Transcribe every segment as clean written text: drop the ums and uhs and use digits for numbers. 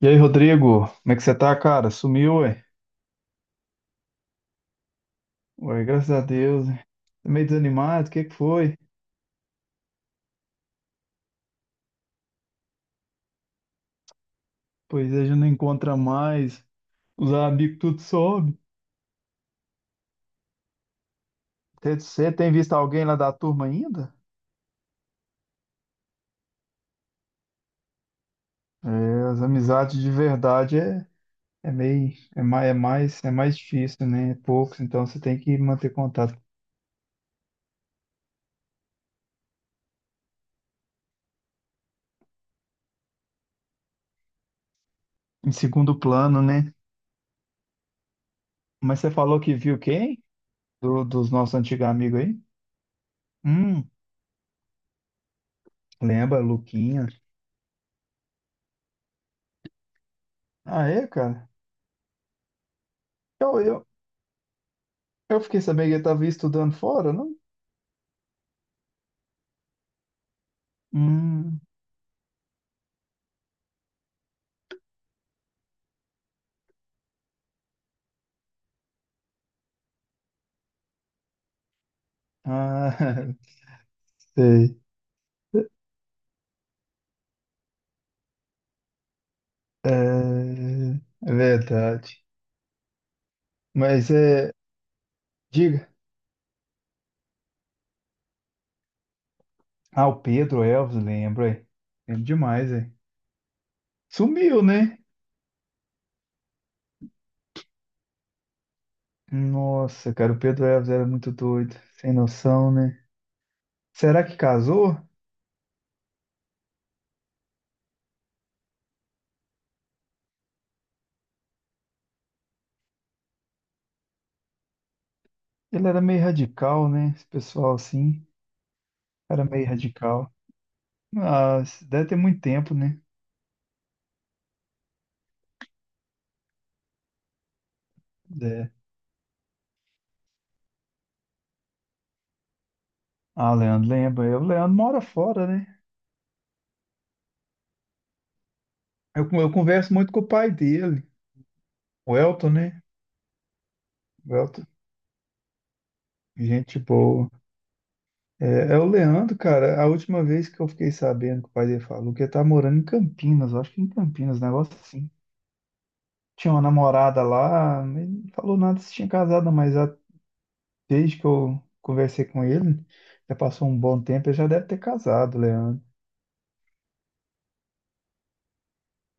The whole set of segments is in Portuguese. E aí, Rodrigo, como é que você tá, cara? Sumiu, ué? Ué, graças a Deus. Ué. Tá meio desanimado, o que é que foi? Pois é, já não encontra mais. Os amigos tudo sobe. Você tem visto alguém lá da turma ainda? É, as amizades de verdade é meio, é mais difícil, né? É poucos, então você tem que manter contato. Em segundo plano, né? Mas você falou que viu quem? Dos nossos antigos amigos aí? Hum, lembra, Luquinha. Ah, é, cara? Eu fiquei sabendo que ele estava estudando fora, não? Hum, ah, sei. É, é verdade. Mas é. Diga. Ah, o Pedro Elvis lembro, é. Lembro demais, é. Sumiu, né? Nossa, cara, o Pedro Elvis era muito doido. Sem noção, né? Será que casou? Ele era meio radical, né? Esse pessoal assim. Era meio radical. Ah, deve ter muito tempo, né? É. Ah, Leandro, lembra. O Leandro mora fora, né? Eu converso muito com o pai dele, o Elton, né? O Elton, gente boa. É, é o Leandro, cara. A última vez que eu fiquei sabendo que o pai dele falou que ele tá morando em Campinas, eu acho que em Campinas, um negócio assim. Tinha uma namorada lá, mas não falou nada se tinha casado, mas já, desde que eu conversei com ele, já passou um bom tempo, ele já deve ter casado, Leandro,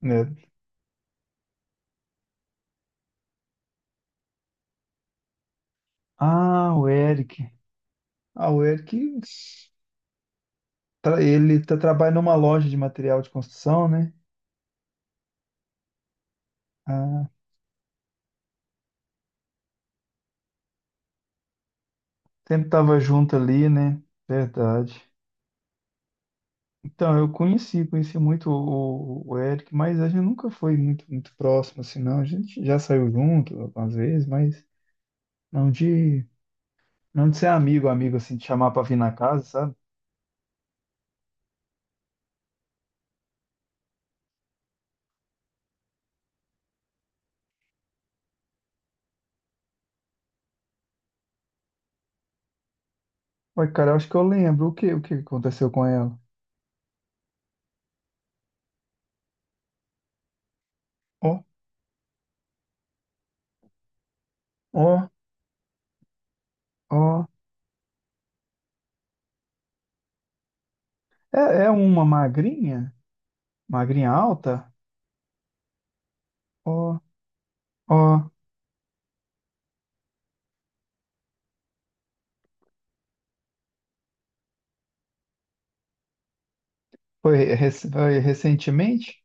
né? Ah, o Eric. Ah, o Eric, ele tá, trabalha numa loja de material de construção, né? Ah, sempre tava junto ali, né? Verdade. Então, conheci muito o Eric, mas a gente nunca foi muito próximo, assim, não. A gente já saiu junto algumas vezes, mas não de, não de ser amigo, amigo, assim, de chamar pra vir na casa, sabe? Ué, cara, eu acho que eu lembro. O que aconteceu com ela? Ó, ó, ó. É, é uma magrinha? Magrinha alta? Ó, ó. Foi, foi recentemente?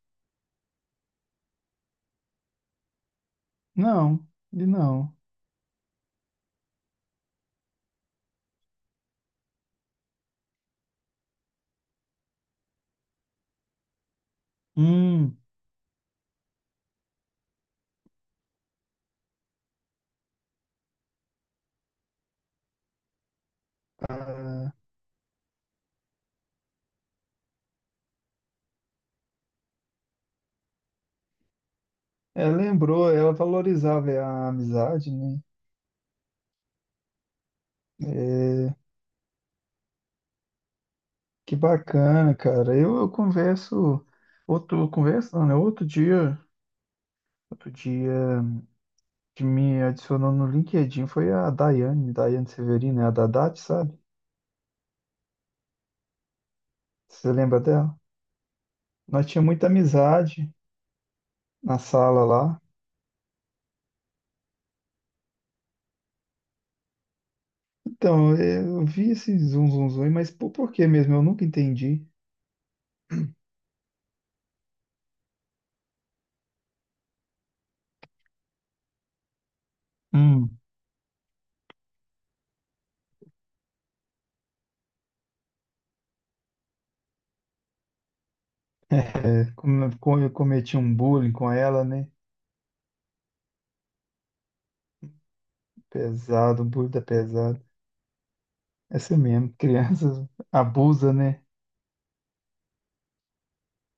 Não, ele não. Hum. É, lembrou, ela valorizava a amizade, né? É, que bacana, cara. Eu converso, outro, converso, não, né? Outro dia, que me adicionou no LinkedIn foi a Daiane, Daiane Severino, né? A Dadate, sabe? Você lembra dela? Nós tínhamos muita amizade na sala lá. Então, eu vi esse zum, zum, zum, mas por que mesmo? Eu nunca entendi. Hum. É, como como eu cometi um bullying com ela, né? Pesado, bullying da pesada. Essa é mesmo, crianças abusa, né?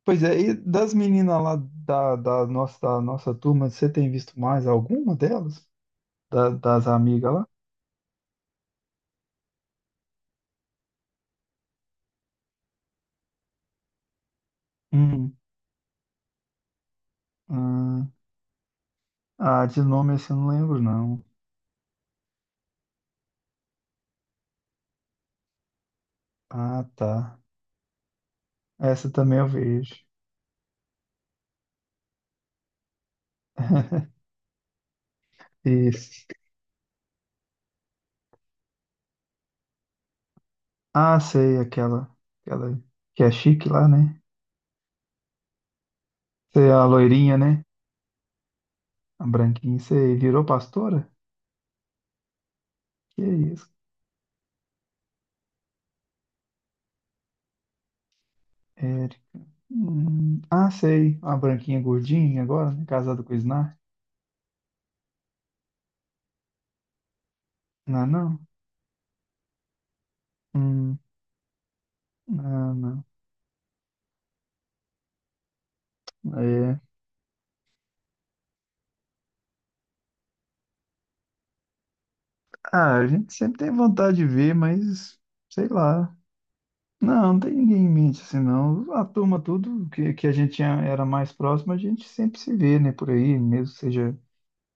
Pois é, e das meninas lá da nossa turma, você tem visto mais alguma delas? Das amigas lá? Hum. Ah, ah, de nome assim eu não lembro, não. Ah, tá. Essa também eu vejo. Isso. Ah, sei, aquela, aquela que é chique lá, né? Sei, a loirinha, né? A branquinha. Sei, virou pastora? Que isso, Eric. Ah, sei, a branquinha gordinha agora, né? Casada com o Snark. Não, é não. Hum, não, não. É. Ah, a gente sempre tem vontade de ver, mas sei lá. Não, não tem ninguém em mente assim, não. A turma, tudo que a gente era mais próximo, a gente sempre se vê, né, por aí, mesmo que seja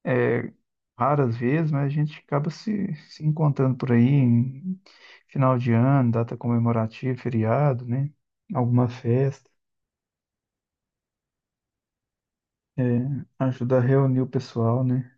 é, raras vezes, mas a gente acaba se encontrando por aí em final de ano, data comemorativa, feriado, né? Alguma festa. É, ajuda a reunir o pessoal, né?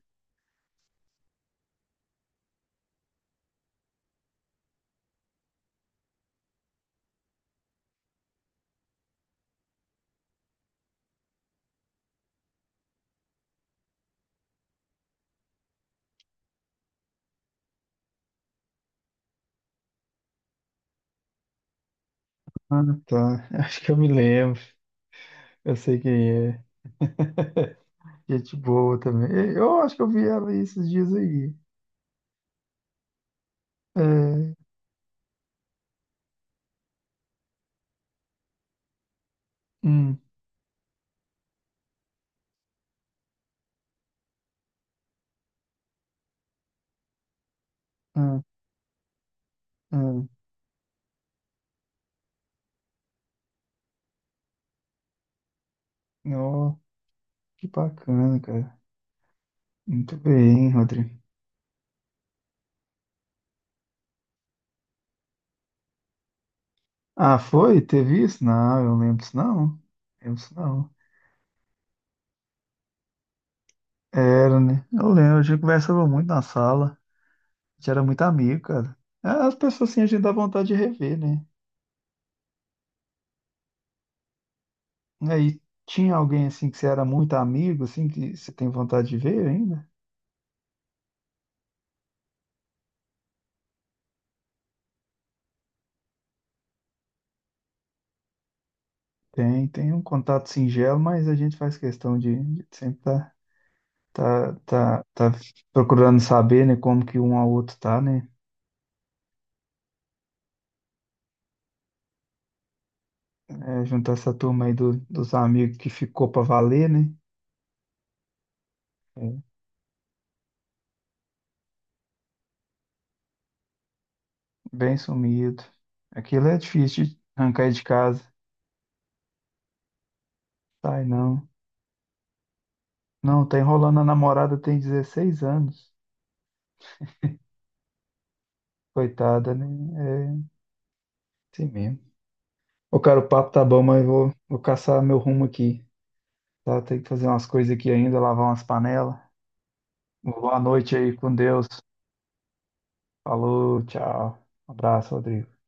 Ah, tá. Acho que eu me lembro. Eu sei quem é. Gente boa também. Eu acho que eu vi ela aí esses dias aí. É, hum, hum, hum. Ó, que bacana, cara. Muito bem, Rodrigo. Ah, foi? Teve isso? Não, eu lembro disso não. Lembro disso não. Era, né? Eu lembro, a gente conversava muito na sala. A gente era muito amigo, cara. Ah, as pessoas assim, a gente dá vontade de rever, né? Aí tinha alguém assim que você era muito amigo, assim, que você tem vontade de ver ainda? Tem um contato singelo, mas a gente faz questão de sempre estar. Tá, tá, tá procurando saber, né, como que um ao outro tá, né? É, juntar essa turma aí dos amigos que ficou pra valer, né? É, bem sumido. Aquilo é difícil de arrancar aí de casa. Sai não. Não, tá enrolando a namorada, tem 16 anos. Coitada, né? É assim mesmo. Ô, cara, o papo tá bom, mas eu vou, vou caçar meu rumo aqui, tá? Tem que fazer umas coisas aqui ainda, lavar umas panelas. Boa noite aí com Deus. Falou, tchau. Abraço, Rodrigo.